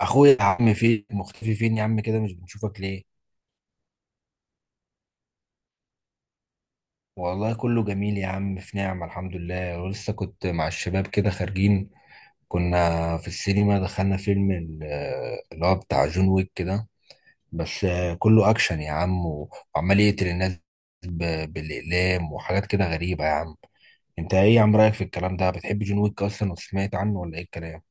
اخويا يا عم، فين مختفي؟ فين يا عم كده؟ مش بنشوفك ليه؟ والله كله جميل يا عم، في نعمة، الحمد لله. ولسه كنت مع الشباب كده خارجين، كنا في السينما. دخلنا فيلم اللي هو بتاع جون ويك كده. بس كله اكشن يا عم، وعمال يقتل الناس بالاقلام وحاجات كده غريبة يا عم. انت ايه يا عم رايك في الكلام ده؟ بتحب جون ويك اصلا وسمعت عنه ولا ايه الكلام؟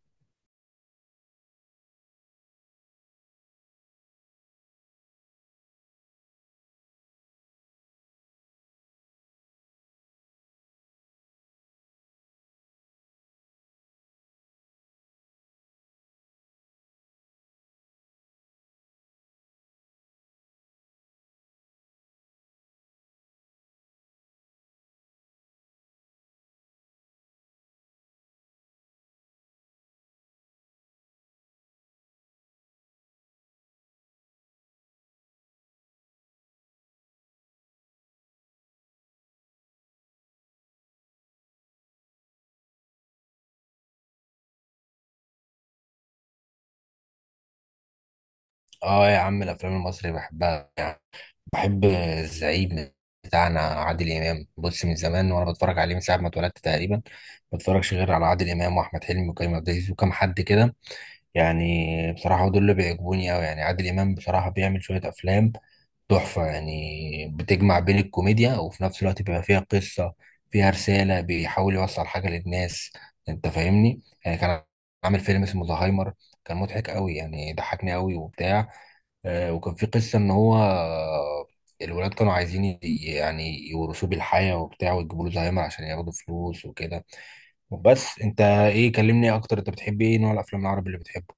اه يا عم، الافلام المصري بحبها. بحب الزعيم بتاعنا عادل إمام. بص، من زمان وأنا بتفرج عليه من ساعة ما اتولدت تقريبا. ما بتفرجش غير على عادل إمام وأحمد حلمي وكريم عبد العزيز وكم حد كده، يعني بصراحة دول اللي بيعجبوني أوي. يعني عادل إمام بصراحة بيعمل شوية أفلام تحفة، يعني بتجمع بين الكوميديا وفي نفس الوقت بيبقى فيها قصة، فيها رسالة، بيحاول يوصل حاجة للناس. انت فاهمني؟ يعني كان عامل فيلم اسمه زهايمر، كان مضحك قوي يعني، ضحكني قوي وبتاع. وكان في قصة ان هو الولاد كانوا عايزين يعني يورثوه بالحياة وبتاع، ويجيبوا له زهايمر عشان ياخدوا فلوس وكده. بس انت ايه، كلمني اكتر، انت بتحب ايه نوع الافلام العربي اللي بتحبه؟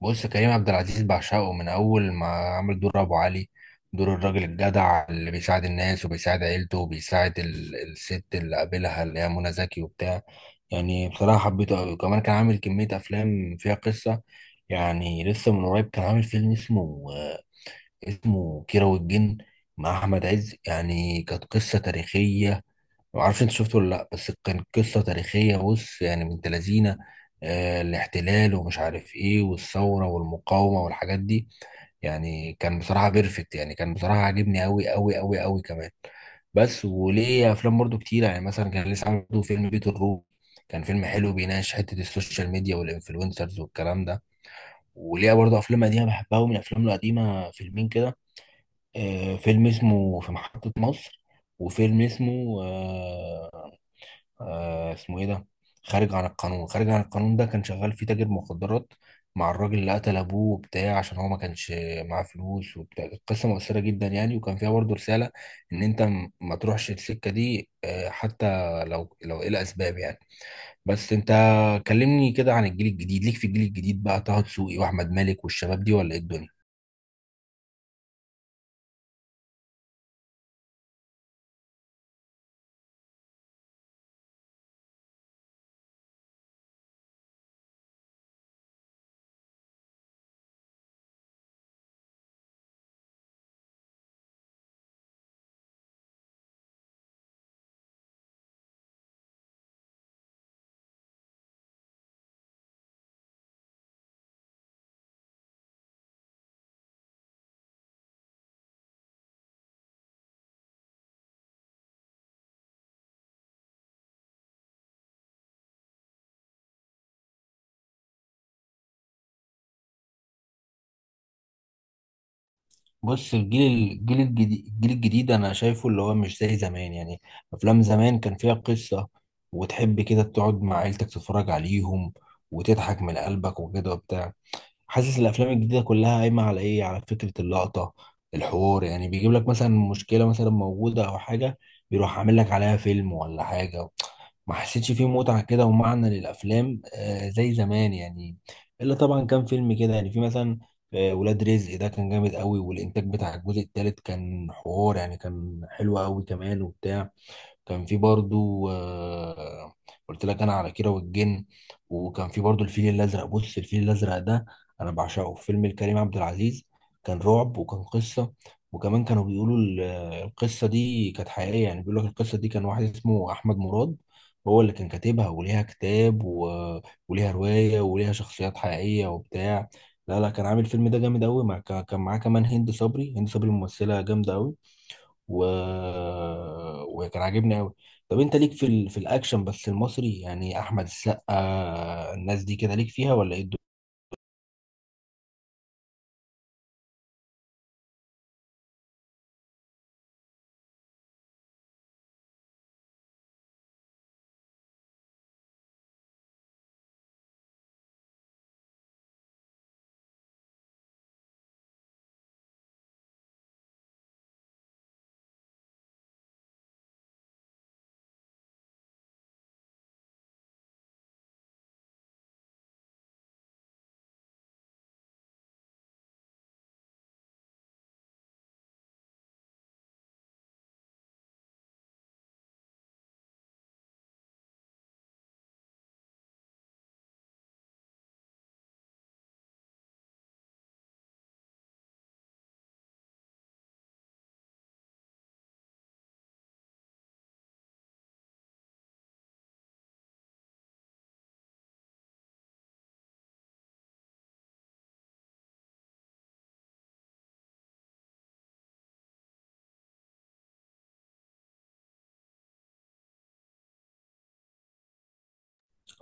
بص، كريم عبد العزيز بعشقه من اول ما عمل دور ابو علي، دور الراجل الجدع اللي بيساعد الناس وبيساعد عيلته وبيساعد الست اللي قابلها اللي هي منى زكي وبتاع. يعني بصراحة حبيته قوي، وكمان كان عامل كمية افلام فيها قصة. يعني لسه من قريب كان عامل فيلم اسمه اسمه كيرة والجن، مع احمد عز. يعني كانت قصة تاريخية، ما اعرفش انت شفته ولا لا. بس كان قصه تاريخيه، بص يعني بنت لذينه الاحتلال ومش عارف ايه، والثوره والمقاومه والحاجات دي. يعني كان بصراحه بيرفكت، يعني كان بصراحه عاجبني قوي قوي قوي قوي كمان. بس وليه افلام برضو كتير. يعني مثلا كان لسه عامله فيلم بيت الروبي، كان فيلم حلو بيناقش حته السوشيال ميديا والانفلونسرز والكلام ده. وليه برضو افلام قديمه بحبها، ومن افلامه القديمه فيلمين كده. فيلم اسمه في محطه مصر، وفيلم اسمه آه اسمه ايه ده، خارج عن القانون. خارج عن القانون ده كان شغال فيه تاجر مخدرات، مع الراجل اللي قتل ابوه وبتاع عشان هو ما كانش معاه فلوس وبتاع. كانت قصه مؤثره جدا يعني، وكان فيها برضه رساله ان انت ما تروحش السكه دي، حتى لو ايه الاسباب يعني. بس انت كلمني كده عن الجيل الجديد، ليك في الجيل الجديد بقى طه دسوقي واحمد مالك والشباب دي ولا ايه الدنيا؟ بص، الجيل الجديد انا شايفه اللي هو مش زي زمان يعني. افلام زمان كان فيها قصة، وتحب كده تقعد مع عيلتك تتفرج عليهم وتضحك من قلبك وكده وبتاع. حاسس الافلام الجديده كلها قايمه على ايه، على فكره اللقطه، الحوار. يعني بيجيب لك مثلا مشكله مثلا موجوده او حاجه، بيروح عامل لك عليها فيلم ولا حاجه. ما حسيتش فيه متعه كده ومعنى للافلام آه زي زمان يعني. الا طبعا كان فيلم كده يعني، في مثلا آه ولاد رزق، ده كان جامد قوي. والانتاج بتاع الجزء الثالث كان حوار يعني، كان حلو قوي كمان وبتاع. كان في برضو قلت لك انا على كيرة والجن. وكان في برضو الفيل الازرق. بص الفيل الازرق ده انا بعشقه، فيلم لكريم عبد العزيز. كان رعب وكان قصة، وكمان كانوا بيقولوا القصة دي كانت حقيقية. يعني بيقول لك القصة دي، كان واحد اسمه احمد مراد هو اللي كان كاتبها، وليها كتاب و، وليها رواية، وليها شخصيات حقيقية وبتاع. لا لا، كان عامل الفيلم ده جامد قوي، مع، كان معاه كمان هند صبري. هند صبري ممثلة جامدة قوي، و... وكان عاجبني قوي. طب انت ليك في ال، في الاكشن بس المصري يعني، احمد السقا الناس دي كده ليك فيها ولا ايه الدنيا؟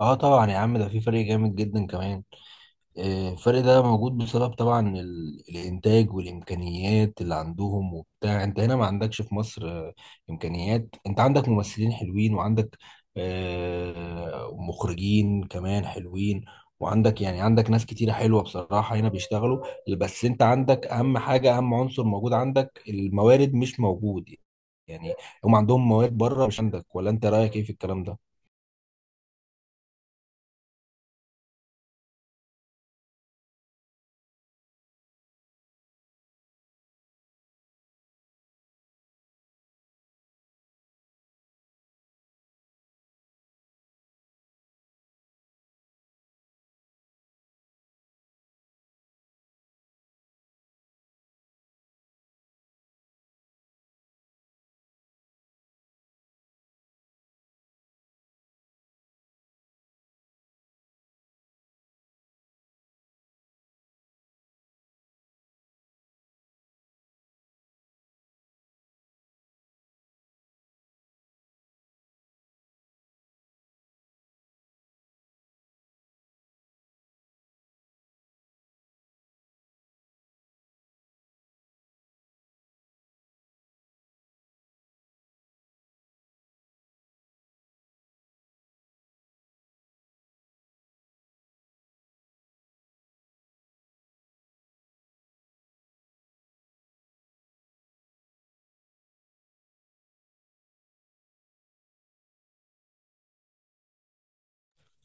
اه طبعا يا عم، ده في فرق جامد جدا كمان. الفرق ده موجود بسبب طبعا الانتاج والامكانيات اللي عندهم وبتاع. انت هنا ما عندكش في مصر امكانيات. انت عندك ممثلين حلوين، وعندك مخرجين كمان حلوين، وعندك يعني عندك ناس كتيرة حلوة بصراحة هنا بيشتغلوا. بس انت عندك اهم حاجة، اهم عنصر موجود، عندك الموارد مش موجود يعني. هم عندهم موارد بره مش عندك، ولا انت رأيك ايه في الكلام ده؟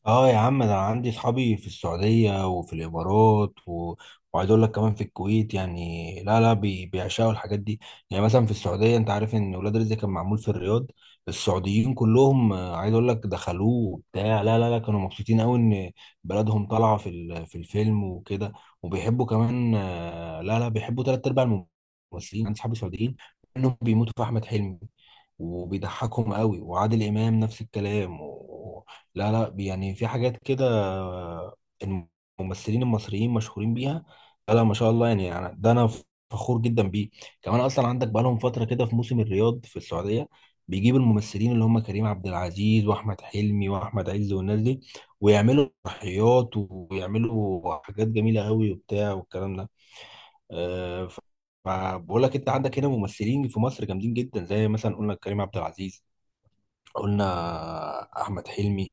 اه يا عم، ده انا عندي صحابي في السعودية وفي الامارات و، وعايز اقول لك كمان في الكويت. يعني لا لا، بيعشقوا الحاجات دي. يعني مثلا في السعودية انت عارف ان ولاد رزق كان معمول في الرياض. السعوديين كلهم عايز اقول لك دخلوه وبتاع. لا لا لا، كانوا مبسوطين قوي ان بلدهم طالعة في ال، في الفيلم وكده. وبيحبوا كمان لا لا، بيحبوا تلات ارباع الممثلين. عندي صحابي سعوديين انهم بيموتوا في احمد حلمي وبيضحكهم قوي. وعادل امام نفس الكلام. لا لا، يعني في حاجات كده الممثلين المصريين مشهورين بيها. لا لا، ما شاء الله يعني، ده انا فخور جدا بيه. كمان اصلا عندك بقالهم فتره كده في موسم الرياض في السعوديه، بيجيب الممثلين اللي هم كريم عبد العزيز واحمد حلمي واحمد عز والناس دي، ويعملوا تضحيات ويعملوا حاجات جميله قوي وبتاع والكلام ده. أه فبقول لك انت عندك هنا ممثلين في مصر جامدين جدا، زي مثلا قلنا كريم عبد العزيز، قلنا احمد حلمي،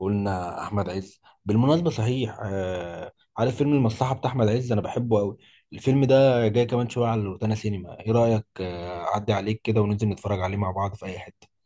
قلنا احمد عز. بالمناسبه صحيح آه، عارف فيلم المصلحه بتاع احمد عز؟ انا بحبه قوي. الفيلم ده جاي كمان شويه على روتانا سينما. ايه رايك اعدي عليك كده وننزل نتفرج عليه مع بعض في اي حته؟